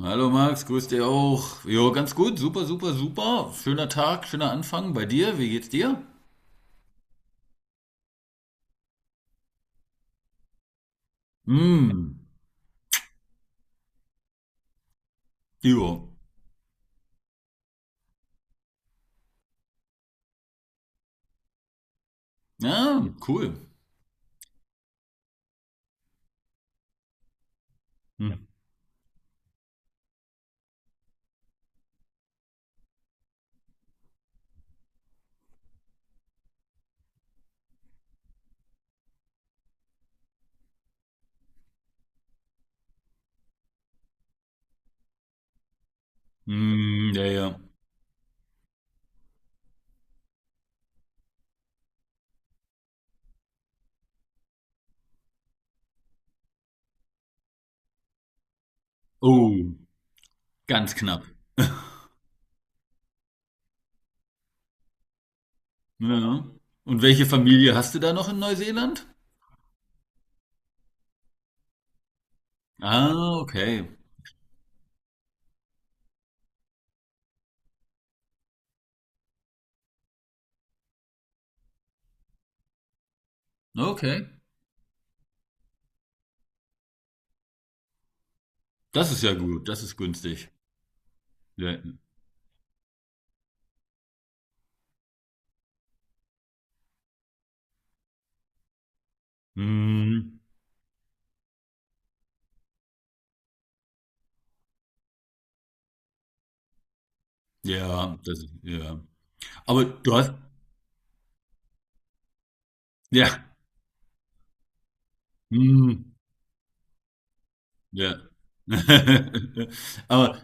Hallo Max, grüß dich auch. Jo, ganz gut, super, super, super. Schöner Tag, schöner Anfang bei dir. Wie geht's dir? Hm, jo. Ja, cool. Hm. Hm, ja, ja. Oh, ganz knapp. Ja. Und welche Familie hast du da noch in Neuseeland? Ah, okay. Okay. Das ist ja gut, das ist günstig. Ja, hm, ja, das ist, ja. Aber du hast, ja, hm, ja. Aber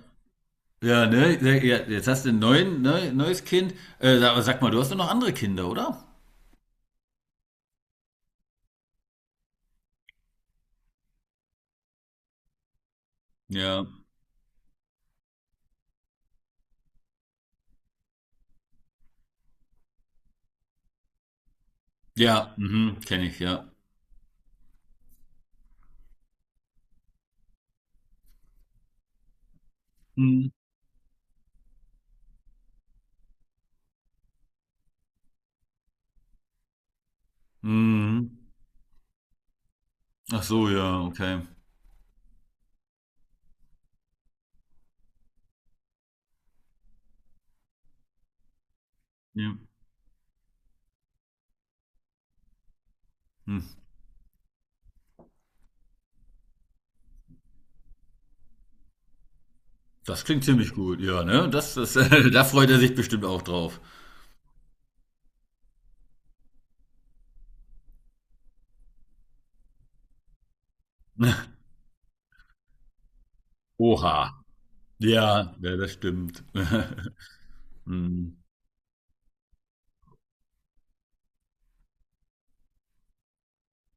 ja, ne? Ja, ja, jetzt hast du ein neuen, ne, neues Kind. Aber sag mal, du hast doch noch andere Kinder, oder? Ja. Ja, mhm, kenne ich, ja. Mhm. Mhm. Ach so, ja, okay. Ja. Hm. Das klingt ziemlich gut, ja, ne? Da freut er sich bestimmt auch drauf. Oha. Ja, ja, das stimmt. Mhm.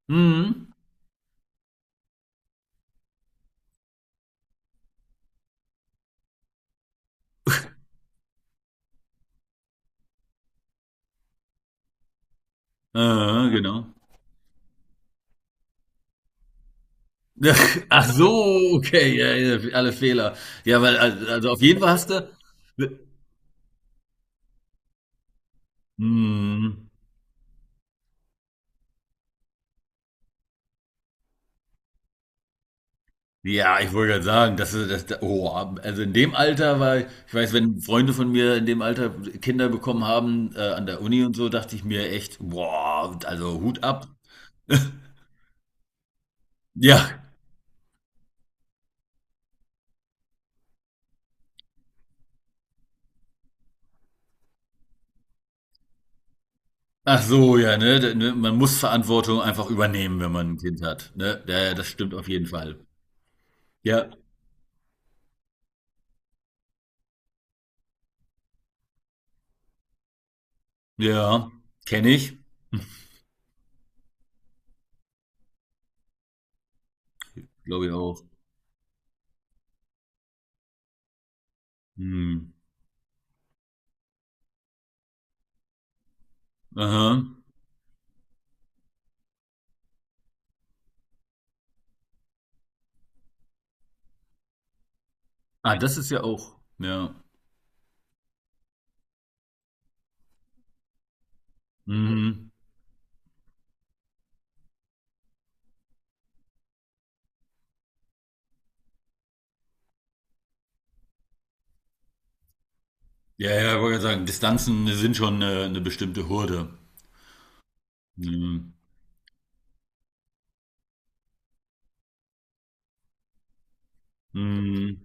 Mhm. Genau. Ach so, okay, ja, ja, alle Fehler. Ja, weil, also auf jeden Fall hast du. Mhm. Ja, ich wollte gerade sagen, das ist das, oh, also in dem Alter war, ich weiß, wenn Freunde von mir in dem Alter Kinder bekommen haben, an der Uni und so, dachte ich mir echt, boah, also Hut ab. Ja, ach so, ja, ne, ne, man muss Verantwortung einfach übernehmen, wenn man ein Kind hat, ne? Ja, ja, das stimmt auf jeden Fall. Ja, ja, kenne ich, glaube ich auch. Hm. Aha. Ah, das ist ja auch, ja. Mhm. Ja, ja, ich wollte gerade sagen, Distanzen sind schon eine bestimmte Hürde. Mhm. Mhm.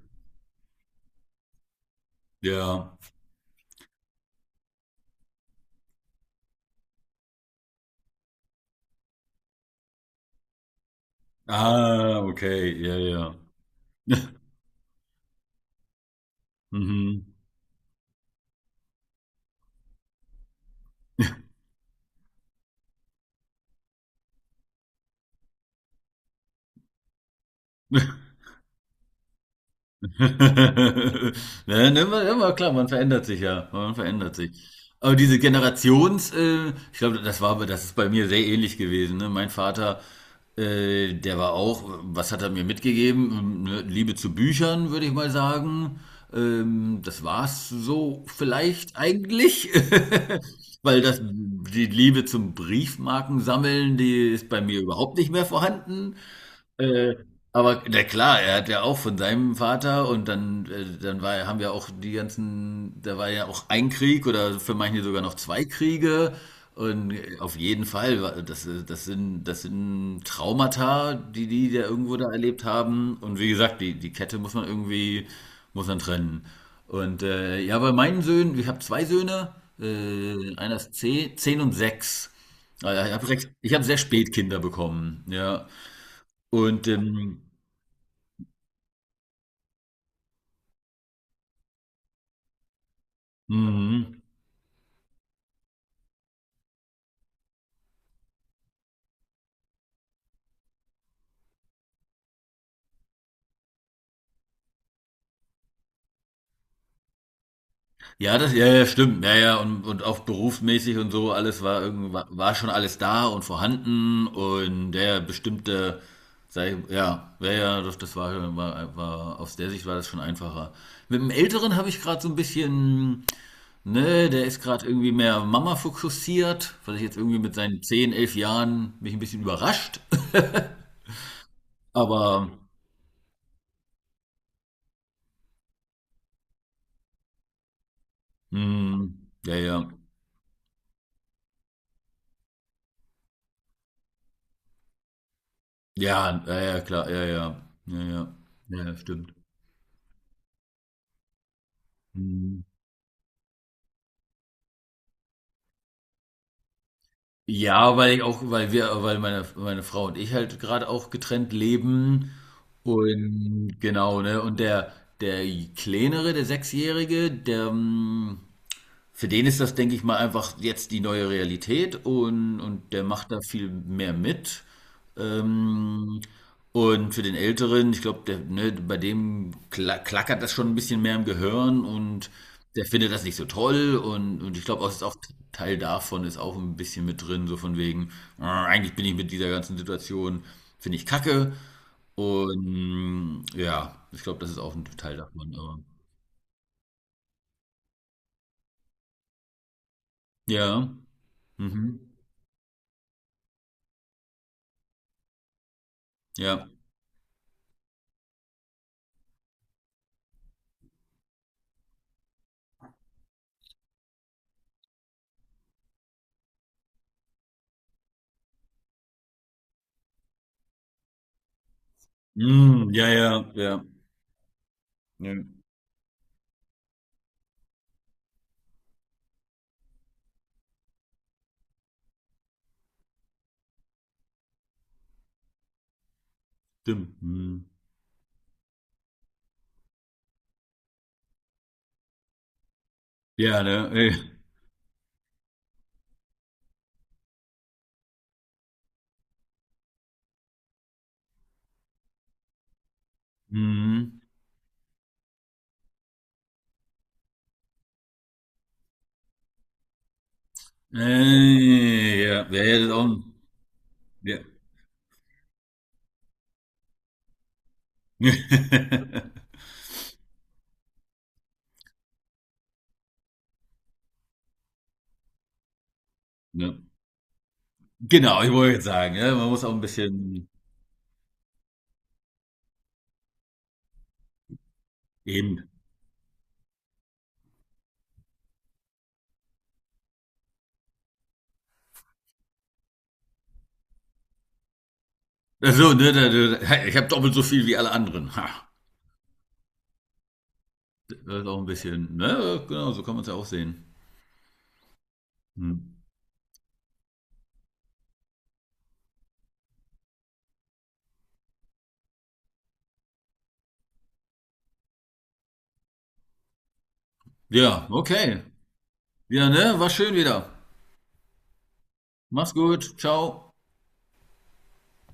Ja. Ah, okay. Ja, ja. Mhm. Ne, ne, immer, immer klar, man verändert sich ja, man verändert sich. Aber diese Generations, ich glaube, das war, das ist bei mir sehr ähnlich gewesen. Ne? Mein Vater, der war auch, was hat er mir mitgegeben? Ne, Liebe zu Büchern, würde ich mal sagen. Das war's so vielleicht eigentlich. Weil das, die Liebe zum Briefmarkensammeln, die ist bei mir überhaupt nicht mehr vorhanden. Äh, aber na klar, er hat ja auch von seinem Vater und dann, dann war, haben wir auch die ganzen, da war ja auch ein Krieg oder für manche sogar noch zwei Kriege. Und auf jeden Fall, das sind Traumata, die die da irgendwo da erlebt haben. Und wie gesagt, die Kette muss man irgendwie, muss man trennen. Und ja, bei meinen Söhnen, ich habe zwei Söhne, einer ist zehn, 10 und 6. Also ich habe recht, ich habe sehr spät Kinder bekommen, ja. Und, ähm, mhm. Ja, das, ja, ja, stimmt. Ja, ja, und auch berufsmäßig und so, alles war irgendwie, war schon alles da und vorhanden und ja, ja, ja, ja, ja, das, das war, war, war, aus der Sicht war das schon einfacher. Mit dem Älteren habe ich gerade so ein bisschen, ne, der ist gerade irgendwie mehr Mama fokussiert, weil ich jetzt irgendwie mit seinen 10 11 Jahren mich ein bisschen überrascht. Aber, mh, ja, ja. Ja, ja, ja, klar, ja, ja. Ja, ja. Ja, ja, stimmt. Mhm. Ja, weil ich auch weil meine Frau und ich halt gerade auch getrennt leben und genau, ne? Und der Kleinere, der Sechsjährige, der, hm Für den ist das, denke ich mal, einfach jetzt die neue Realität und der macht da viel mehr mit. Ähm, und für den Älteren, ich glaube, der, ne, bei dem klackert das schon ein bisschen mehr im Gehirn und der findet das nicht so toll und ich glaube, auch, ist auch Teil davon ist auch ein bisschen mit drin, so von wegen, eigentlich bin ich mit dieser ganzen Situation, finde ich kacke und ja, ich glaube, das ist auch ein Teil davon, aber ja, mhm, ja. Mhm, ja, ja, ja. Ja. Stimmt. Mhm. Ja, ne? Ey. Mhm. Ja, ja, ja, das ist auch ein, ja. Ne. Genau, ich wollte jetzt sagen, ja man muss auch ein bisschen eben. Ach so, ne, hey, ich habe doppelt so viel wie alle anderen. Ha, das ist auch ein bisschen, ne, genau, so kann man es ja auch sehen. Mhm. Ja, okay. Ja, ne, war schön wieder. Mach's gut. Ciao.